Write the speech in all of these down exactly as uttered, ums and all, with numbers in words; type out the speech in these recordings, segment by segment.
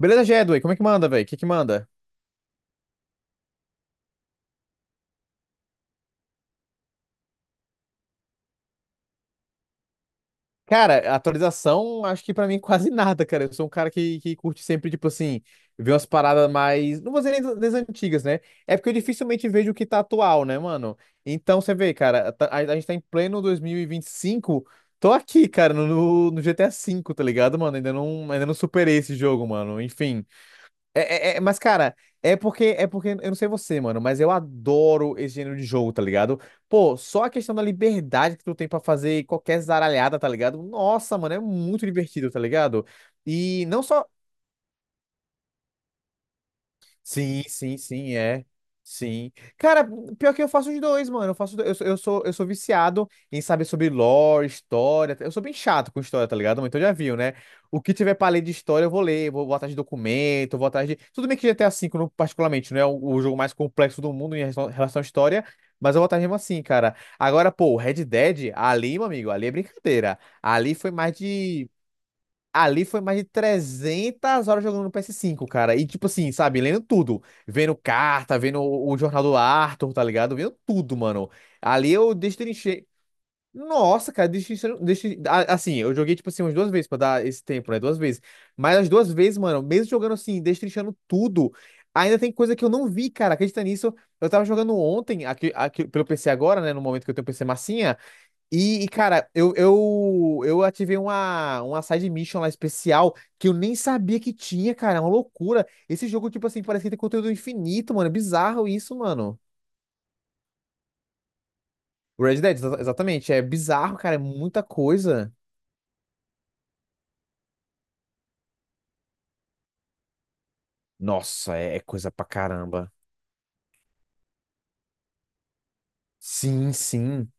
Beleza, Jedway, como é que manda, velho? O que que manda? Cara, atualização, acho que pra mim quase nada, cara. Eu sou um cara que, que curte sempre, tipo assim, ver umas paradas mais. Não vou dizer nem das antigas, né? É porque eu dificilmente vejo o que tá atual, né, mano? Então você vê, cara, tá- a, a gente tá em pleno dois mil e vinte e cinco. Tô aqui, cara, no, no G T A V, tá ligado, mano? Ainda não, ainda não superei esse jogo, mano. Enfim. É, é- é- mas, cara, é porque, é porque, eu não sei você, mano, mas eu adoro esse gênero de jogo, tá ligado? Pô, só a questão da liberdade que tu tem pra fazer qualquer zaralhada, tá ligado? Nossa, mano, é muito divertido, tá ligado? E não só. Sim, sim, sim, é. Sim. Cara, pior que eu faço os dois, mano. Eu faço, os dois. eu sou, eu sou, eu sou viciado em saber sobre lore, história. Eu sou bem chato com história, tá ligado? Mas então já viu, né? O que tiver pra ler de história, eu vou ler. Vou, vou atrás de documento, vou atrás de. Tudo bem que G T A V, não- particularmente, não é o, o jogo mais complexo do mundo em relação relação à história, mas eu vou atrás mesmo assim, cara. Agora, pô, Red Dead, ali, meu amigo, ali é brincadeira. Ali foi mais de Ali foi mais de trezentas horas jogando no P S cinco, cara. E, tipo assim, sabe? Lendo tudo. Vendo carta, vendo o, o jornal do Arthur, tá ligado? Vendo tudo, mano. Ali eu destrinchei. Nossa, cara, destrinchei. destrin- a- Assim, eu joguei, tipo assim, umas duas vezes pra dar esse tempo, né? Duas vezes. Mas as duas vezes, mano, mesmo jogando assim, destrinchando tudo, ainda tem coisa que eu não vi, cara. Acredita nisso? Eu tava jogando ontem, aqui, aqui pelo P C agora, né? No momento que eu tenho um P C massinha. E, e, cara, eu, eu, eu ativei uma, uma side mission lá especial que eu nem sabia que tinha, cara. É uma loucura. Esse jogo, tipo assim, parece que tem conteúdo infinito, mano. É bizarro isso, mano. O Red Dead, exa- exatamente. É bizarro, cara. É muita coisa. Nossa, é, é coisa pra caramba. Sim, sim.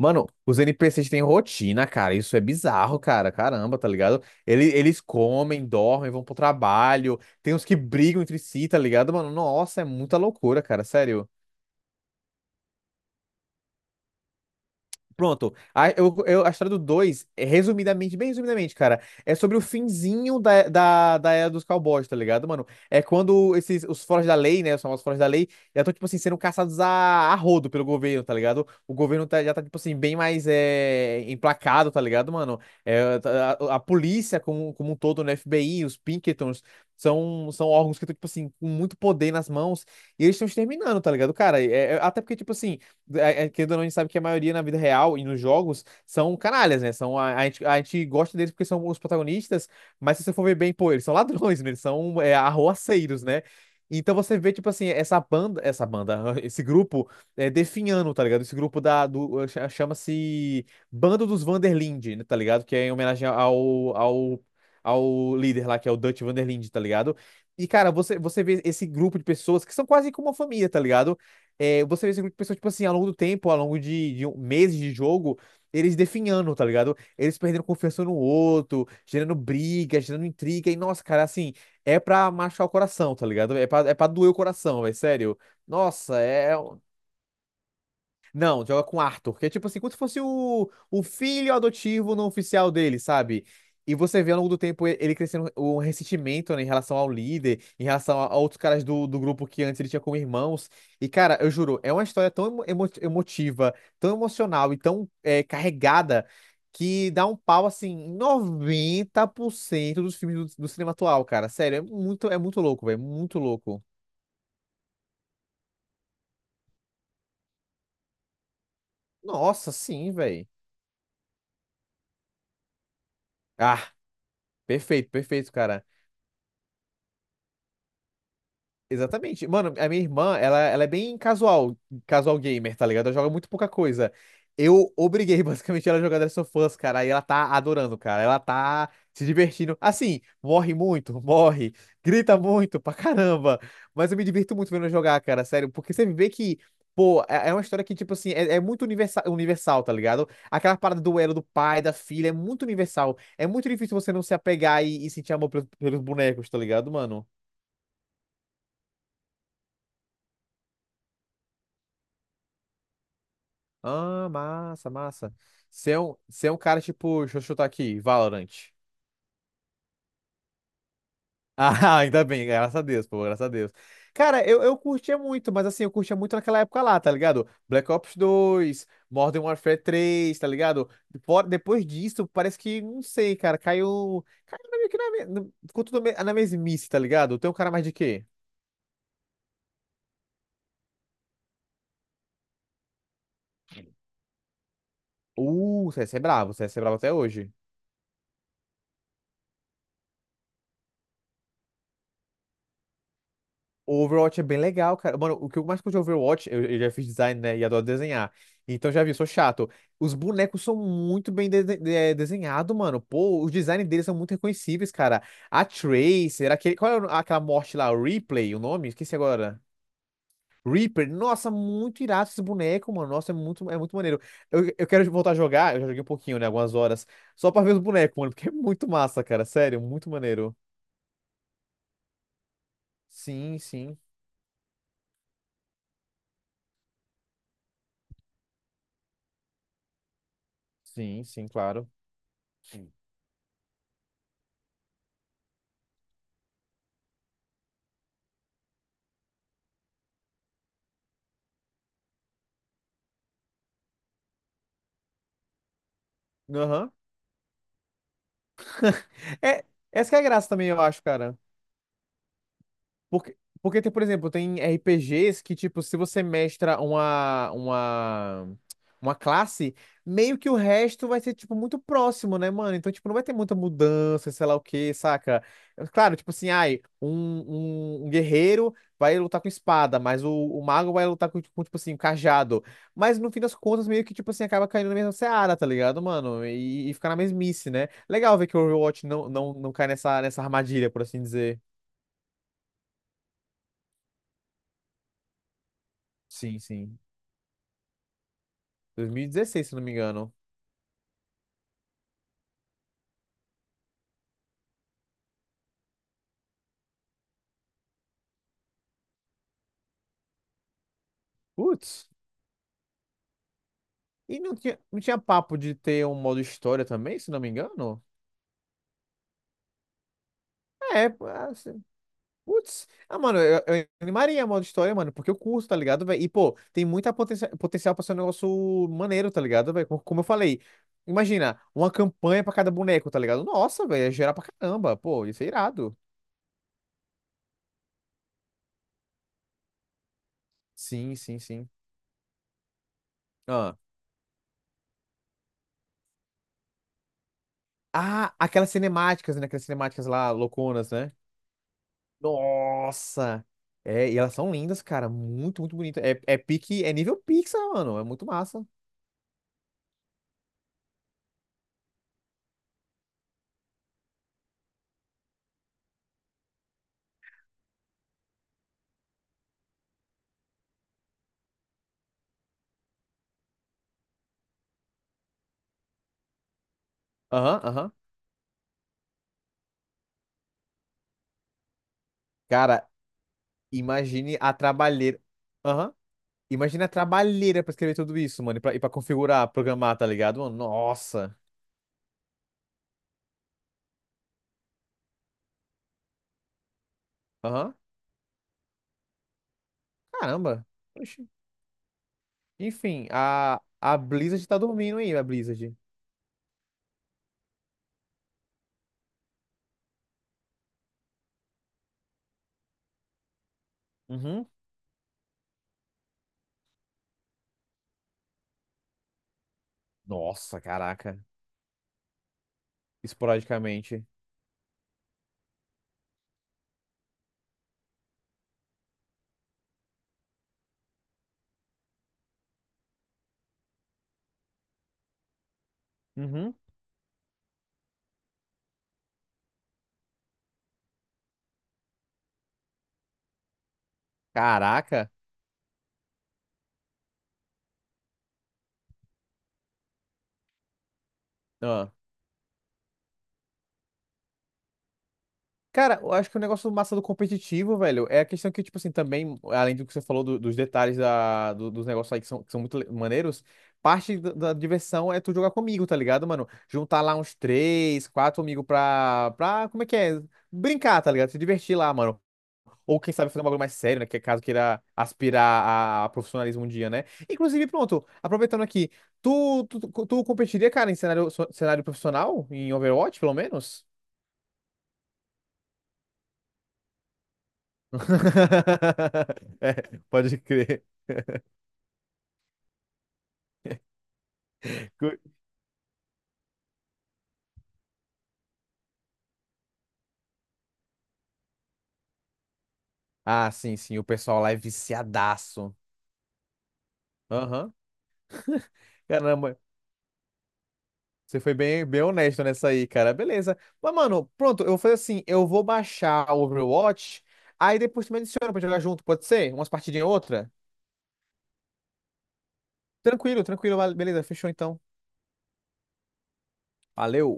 Mano, os N P Cs têm rotina, cara. Isso é bizarro, cara. Caramba, tá ligado? Ele, eles comem, dormem, vão pro trabalho. Tem uns que brigam entre si, tá ligado, mano? Nossa, é muita loucura, cara. Sério. Pronto. A, eu, eu- a história do dois é resumidamente, bem resumidamente, cara, é sobre o finzinho da, da, da era dos cowboys, tá ligado, mano? É quando esses, os foras da lei, né, os famosos foras da lei, já estão, tipo assim, sendo caçados a, a rodo pelo governo, tá ligado? O governo tá- já tá, tipo assim, bem mais é, emplacado, tá ligado, mano? É, tá- a, a polícia como, como um todo, né, F B I, os Pinkertons, são, são órgãos que estão, tipo assim, com muito poder nas mãos, e eles estão exterminando, tá ligado, cara? É, é- até porque, tipo assim, é- é, querendo ou não, a gente sabe que a maioria na vida real e nos jogos são canalhas, né? São, a, a gente, a gente gosta deles porque são os protagonistas, mas se você for ver bem, pô, eles são ladrões, né? Eles são é, arroaceiros, né? Então você vê, tipo assim, essa banda, essa banda, esse grupo é, definhando, tá ligado? Esse grupo da, do, chama-se Bando dos Vanderlinde, né, tá ligado? Que é em homenagem ao, ao, ao líder lá, que é o Dutch Vanderlinde, tá ligado? E, cara, você, você vê esse grupo de pessoas que são quase como uma família, tá ligado? É, você vê esse grupo de pessoas, tipo assim, ao longo do tempo, ao longo de, de um- meses de jogo, eles definhando, tá ligado? Eles perdendo confiança no outro, gerando briga, gerando intriga, e nossa, cara, assim, é pra machucar o coração, tá ligado? É pra, é pra doer o coração, velho, sério. Nossa, é. É um não, joga com Arthur, que é tipo assim, como se fosse o, o filho adotivo não oficial dele, sabe? E você vê ao longo do tempo e- ele crescendo um um ressentimento, né, em relação ao líder, em relação a a outros caras do, do grupo que antes ele tinha como irmãos. E, cara, eu juro, é uma história tão emo- emo- emotiva, tão emocional e tão é, carregada que dá um pau, assim, em noventa por cento dos filmes do, do cinema atual, cara. Sério, é muito, é muito louco, velho, muito louco. Nossa, sim, velho. Ah, perfeito, perfeito, cara. Exatamente. Mano, a minha irmã, ela, ela é bem casual, casual gamer, tá ligado? Ela joga muito pouca coisa. Eu obriguei basicamente ela a jogar Last of Us, cara, e ela tá adorando, cara. Ela tá se divertindo. Assim, morre muito, morre, grita muito pra caramba. Mas eu me divirto muito vendo ela jogar, cara, sério, porque você vê que, pô, é é uma história que, tipo assim, é, é muito universal, universal, tá ligado? Aquela parada do elo do pai, da filha, é muito universal. É muito difícil você não se apegar e, e sentir amor pelos, pelos bonecos, tá ligado, mano? Ah, massa, massa. Você é um, você é um cara tipo, deixa eu chutar aqui, Valorant. Ah, ainda bem, graças a Deus, pô, graças a Deus. Cara, eu, eu curtia muito, mas assim, eu curtia muito naquela época lá, tá ligado? Black Ops dois, Modern Warfare três, tá ligado? Fora- Depois disso, parece que, não sei, cara, caiu. Caiu meio que na, me- no- ficou tudo me- na mesmice, tá ligado? Tem um cara mais de quê? Uh, o C S é bravo, o C S é bravo até hoje. O Overwatch é bem legal, cara. Mano, o que eu mais curto de Overwatch, eu, eu já fiz design, né? E adoro desenhar. Então já vi, sou chato. Os bonecos são muito bem de desenhados, mano. Pô, os designs deles são muito reconhecíveis, cara. A Tracer, aquele, qual é aquela morte lá? Replay, o nome? Esqueci agora. Reaper, nossa, muito irado esse boneco, mano. Nossa, é muito, é muito maneiro. Eu, eu quero voltar a jogar, eu já joguei um pouquinho, né? Algumas horas. Só pra ver os bonecos, mano, porque é muito massa, cara. Sério, muito maneiro. Sim, sim. Sim, sim, claro. Sim. Aham. É, essa que é a graça também, eu acho, cara. Porque, porque tem, por exemplo, tem R P Gs que, tipo, se você mestra uma, uma, uma classe, meio que o resto vai ser, tipo, muito próximo, né, mano? Então, tipo, não vai ter muita mudança, sei lá o quê, saca? Claro, tipo assim, ai, um, um, um guerreiro vai lutar com espada, mas o, o mago vai lutar com, com, tipo assim, um cajado. Mas no fim das contas, meio que, tipo assim, acaba caindo na mesma seara, tá ligado, mano? E, e fica na mesmice, né? Legal ver que o Overwatch não, não, não cai nessa, nessa armadilha, por assim dizer. Sim, sim. dois mil e dezesseis, se não me engano. Putz. E não tinha, não tinha papo de ter um modo história também, se não me engano? É, pô, assim, putz. Ah, mano, eu, eu animaria modo história, mano, porque eu curto, tá ligado, velho? E, pô, tem muita potencia, potencial pra ser um negócio maneiro, tá ligado, velho? Como, como eu falei, imagina, uma campanha pra cada boneco, tá ligado? Nossa, velho, ia gerar pra caramba. Pô, ia ser irado. Sim, sim, sim. Ah, ah aquelas cinemáticas, né? Aquelas cinemáticas lá, louconas, né? Nossa! É, e elas são lindas, cara. Muito, muito bonita. É, é pique, é nível Pixar, mano. É muito massa. Aham, aham. Cara, imagine a trabalheira. Aham. Imagine a trabalheira pra escrever tudo isso, mano. E pra, e pra configurar, programar, tá ligado, mano? Nossa. Aham. Caramba. Oxi. Enfim, a, a Blizzard tá dormindo aí, a Blizzard. Uhum. Nossa, caraca. Esporadicamente. Uhum. Caraca. Cara, eu acho que o negócio massa do competitivo, velho, é a questão que, tipo assim, também, além do que você falou do- dos detalhes da, do- dos negócios aí que são, que são, muito le- maneiros, parte da, da diversão é tu jogar comigo, tá ligado, mano? Juntar lá uns três, quatro amigos pra, pra, como é que é? Brincar, tá ligado? Se divertir lá, mano. Ou quem sabe fazer um bagulho mais sério, né? Que é caso queira aspirar a, a profissionalismo um dia, né? Inclusive, pronto, aproveitando aqui, tu, tu, tu tu competiria, cara, em cenário, cenário profissional? Em Overwatch, pelo menos? É, pode crer. Cu- Ah, sim, sim, o pessoal lá é viciadaço. Aham. Caramba, você foi bem, bem honesto nessa aí, cara. Beleza. Mas, mano, pronto, eu vou fazer assim, eu vou baixar o Overwatch, aí depois tu me adiciona pra jogar junto, pode ser? Umas partidinhas outra? Tranquilo, tranquilo, vale- beleza, fechou então. Valeu.